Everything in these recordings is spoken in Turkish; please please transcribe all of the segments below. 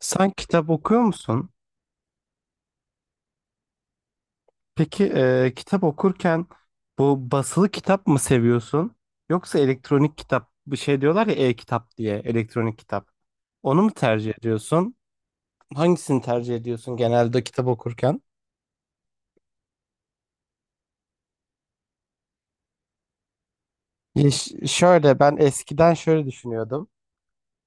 Sen kitap okuyor musun? Peki kitap okurken bu basılı kitap mı seviyorsun? Yoksa elektronik kitap bir şey diyorlar ya e-kitap diye elektronik kitap. Onu mu tercih ediyorsun? Hangisini tercih ediyorsun genelde kitap okurken? Ya şöyle ben eskiden şöyle düşünüyordum.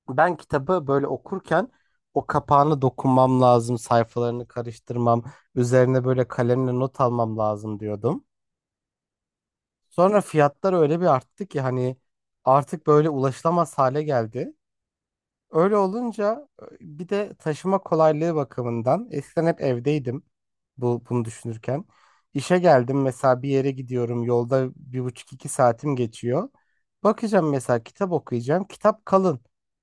Ben kitabı böyle okurken o kapağını dokunmam lazım, sayfalarını karıştırmam, üzerine böyle kalemle not almam lazım diyordum. Sonra fiyatlar öyle bir arttı ki hani artık böyle ulaşılamaz hale geldi. Öyle olunca bir de taşıma kolaylığı bakımından eskiden hep evdeydim bunu düşünürken. İşe geldim, mesela bir yere gidiyorum, yolda bir buçuk iki saatim geçiyor. Bakacağım mesela, kitap okuyacağım. Kitap kalın.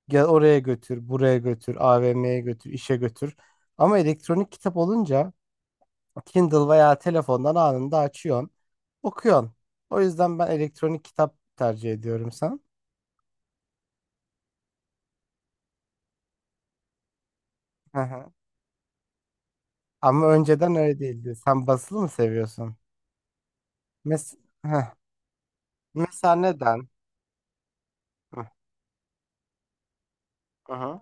Gel oraya götür, buraya götür, AVM'ye götür, işe götür. Ama elektronik kitap olunca Kindle veya telefondan anında açıyorsun, okuyorsun. O yüzden ben elektronik kitap tercih ediyorum, sen? Hı hı. Ama önceden öyle değildi. Sen basılı mı seviyorsun? Mes Heh. Mesela neden? Hı hı.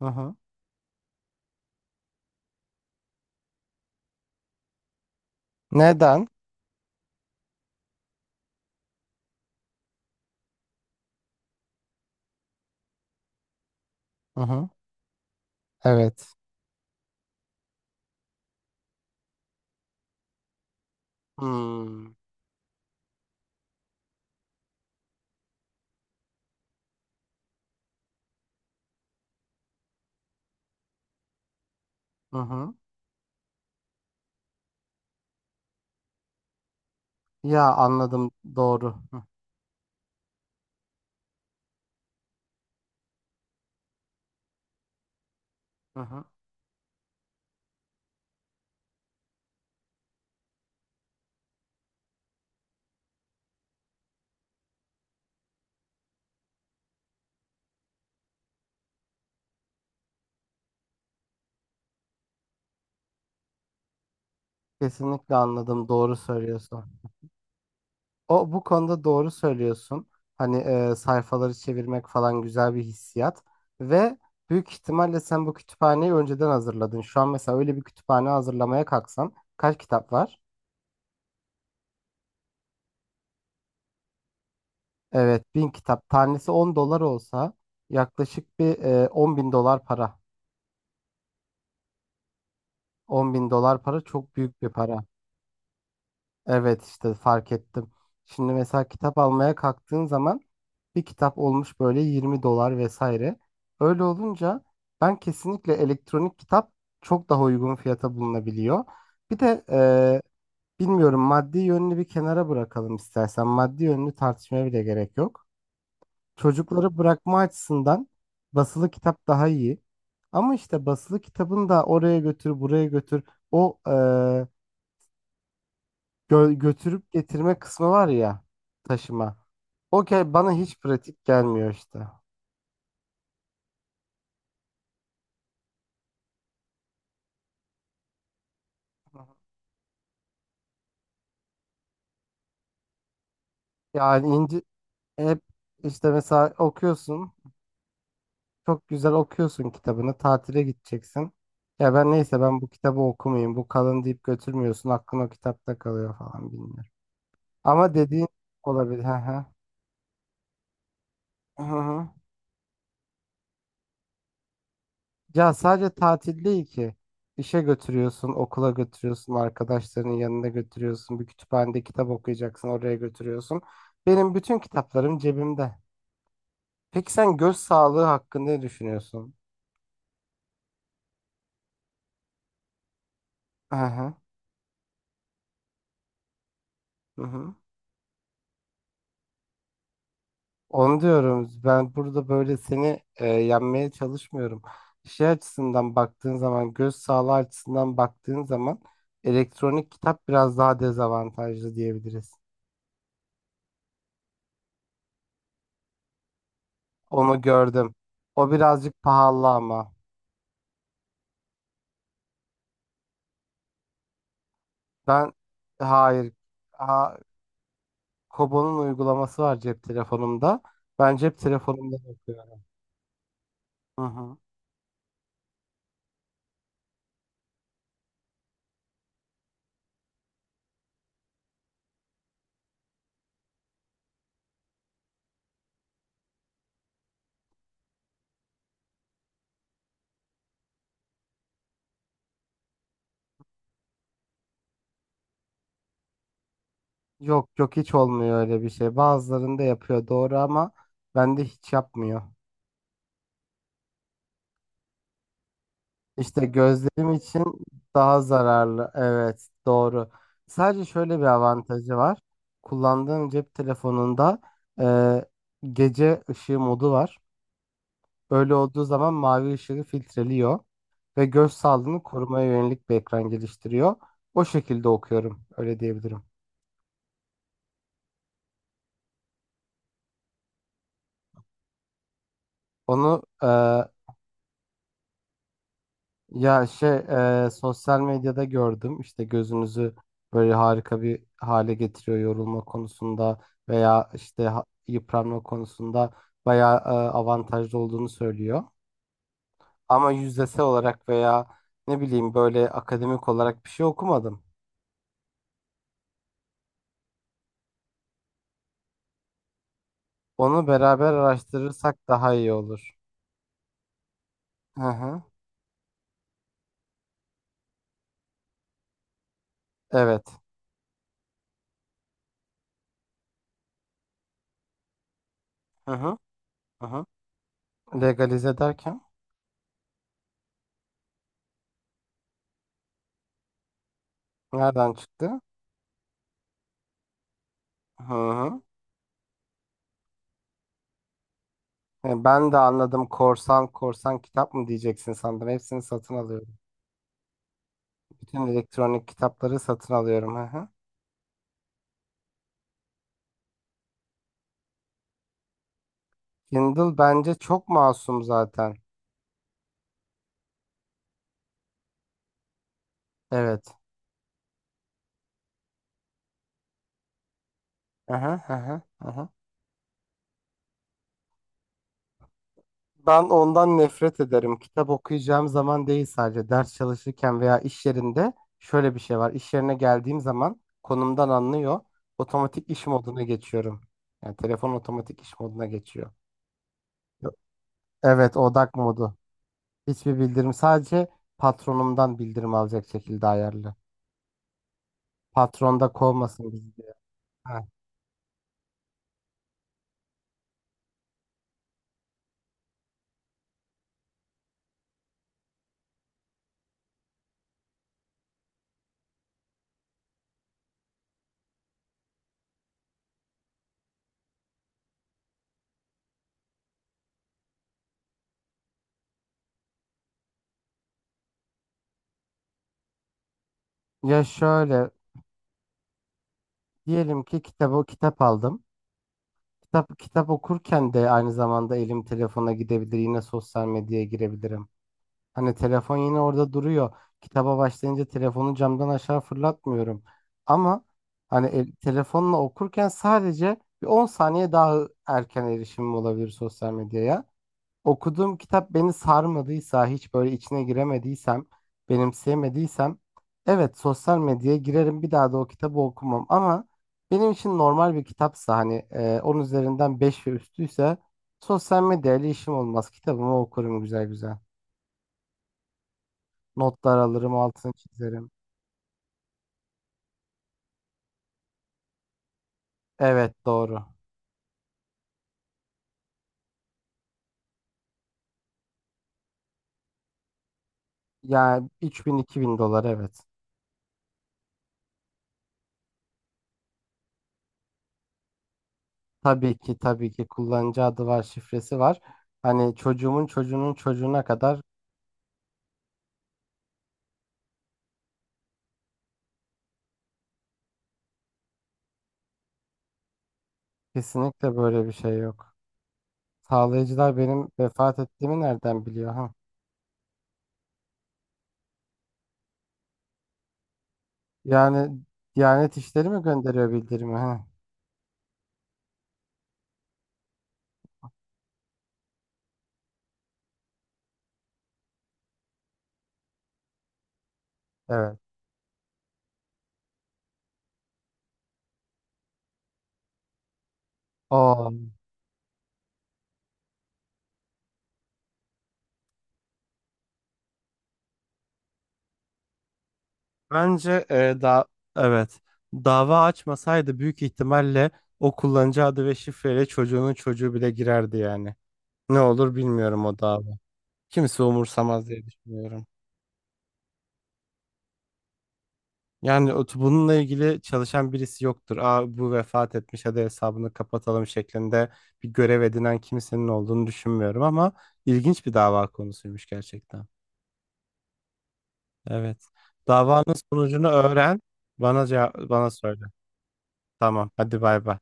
Hı hı. Neden? Hı hı. Evet. Hmm. Hı hı. Ya anladım, doğru. Hı hı. Kesinlikle anladım, doğru söylüyorsun. O, bu konuda doğru söylüyorsun. Hani sayfaları çevirmek falan güzel bir hissiyat ve büyük ihtimalle sen bu kütüphaneyi önceden hazırladın. Şu an mesela öyle bir kütüphane hazırlamaya kalksan kaç kitap var? Evet, bin kitap. Tanesi 10 dolar olsa yaklaşık bir 10 bin dolar para. 10.000 dolar para çok büyük bir para. Evet, işte fark ettim. Şimdi mesela kitap almaya kalktığın zaman bir kitap olmuş böyle 20 dolar vesaire. Öyle olunca ben kesinlikle elektronik kitap çok daha uygun fiyata bulunabiliyor. Bir de bilmiyorum, maddi yönünü bir kenara bırakalım istersen. Maddi yönünü tartışmaya bile gerek yok. Çocukları bırakma açısından basılı kitap daha iyi. Ama işte basılı kitabın da oraya götür buraya götür o götürüp getirme kısmı var ya, taşıma. Okey, bana hiç pratik gelmiyor işte. Hı hı. Yani ince, hep işte mesela okuyorsun. Çok güzel okuyorsun kitabını. Tatile gideceksin. Ya ben neyse, ben bu kitabı okumayayım. Bu kalın deyip götürmüyorsun. Aklın o kitapta kalıyor falan, bilmiyorum. Ama dediğin olabilir. Hı hı. Hı hı. Ya sadece tatil değil ki. İşe götürüyorsun, okula götürüyorsun, arkadaşlarının yanına götürüyorsun, bir kütüphanede kitap okuyacaksın, oraya götürüyorsun. Benim bütün kitaplarım cebimde. Peki sen göz sağlığı hakkında ne düşünüyorsun? Aha, hı hı. Onu diyorum. Ben burada böyle seni yenmeye çalışmıyorum. Şey açısından baktığın zaman, göz sağlığı açısından baktığın zaman elektronik kitap biraz daha dezavantajlı diyebiliriz. Onu gördüm. O birazcık pahalı ama. Ben hayır. Ha, Kobo'nun uygulaması var cep telefonumda. Ben cep telefonumda yapıyorum. Hı hı. Yok yok, hiç olmuyor öyle bir şey. Bazılarında yapıyor, doğru, ama bende hiç yapmıyor. İşte gözlerim için daha zararlı. Evet, doğru. Sadece şöyle bir avantajı var. Kullandığım cep telefonunda e, gece ışığı modu var. Öyle olduğu zaman mavi ışığı filtreliyor ve göz sağlığını korumaya yönelik bir ekran geliştiriyor. O şekilde okuyorum, öyle diyebilirim. Onu ya şey sosyal medyada gördüm. İşte gözünüzü böyle harika bir hale getiriyor yorulma konusunda veya işte yıpranma konusunda bayağı avantajlı olduğunu söylüyor. Ama yüzdesel olarak veya ne bileyim böyle akademik olarak bir şey okumadım. Onu beraber araştırırsak daha iyi olur. Hı hı. Evet. Hı hı. Hı hı. Legalize derken nereden çıktı? Hı hı. Ben de anladım, korsan korsan kitap mı diyeceksin sandım. Hepsini satın alıyorum. Bütün elektronik kitapları satın alıyorum. Hı hı. Kindle bence çok masum zaten. Evet. Hı hı, hı hı. Hı hı. Ben ondan nefret ederim. Kitap okuyacağım zaman değil, sadece ders çalışırken veya iş yerinde şöyle bir şey var. İş yerine geldiğim zaman konumdan anlıyor. Otomatik iş moduna geçiyorum. Yani telefon otomatik iş moduna geçiyor. Evet, odak modu. Hiçbir bildirim, sadece patronumdan bildirim alacak şekilde ayarlı. Patronda kovmasın bizi diye. Ha. Ya şöyle diyelim ki kitap aldım. Kitap kitap okurken de aynı zamanda elim telefona gidebilir. Yine sosyal medyaya girebilirim. Hani telefon yine orada duruyor. Kitaba başlayınca telefonu camdan aşağı fırlatmıyorum. Ama hani telefonla okurken sadece bir 10 saniye daha erken erişimim olabilir sosyal medyaya. Okuduğum kitap beni sarmadıysa, hiç böyle içine giremediysem, benimseyemediysem, evet sosyal medyaya girerim, bir daha da o kitabı okumam. Ama benim için normal bir kitapsa, hani 10 üzerinden 5 ve üstüyse, sosyal medyayla işim olmaz. Kitabımı okurum güzel güzel. Notlar alırım, altını çizerim. Evet, doğru. Yani 3.000, 2.000 dolar, evet. Tabii ki tabii ki, kullanıcı adı var, şifresi var. Hani çocuğumun çocuğunun çocuğuna kadar kesinlikle böyle bir şey yok. Sağlayıcılar benim vefat ettiğimi nereden biliyor ha? Yani Diyanet İşleri mi gönderiyor bildirimi ha? Evet. O bence da, evet, dava açmasaydı büyük ihtimalle o kullanıcı adı ve şifreyle çocuğunun çocuğu bile girerdi yani. Ne olur bilmiyorum o dava. Kimse umursamaz diye düşünüyorum. Yani bununla ilgili çalışan birisi yoktur. Aa, bu vefat etmiş, hadi hesabını kapatalım şeklinde bir görev edinen kimsenin olduğunu düşünmüyorum, ama ilginç bir dava konusuymuş gerçekten. Evet. Davanın sonucunu öğren, bana cevap, bana söyle. Tamam, hadi bay bay.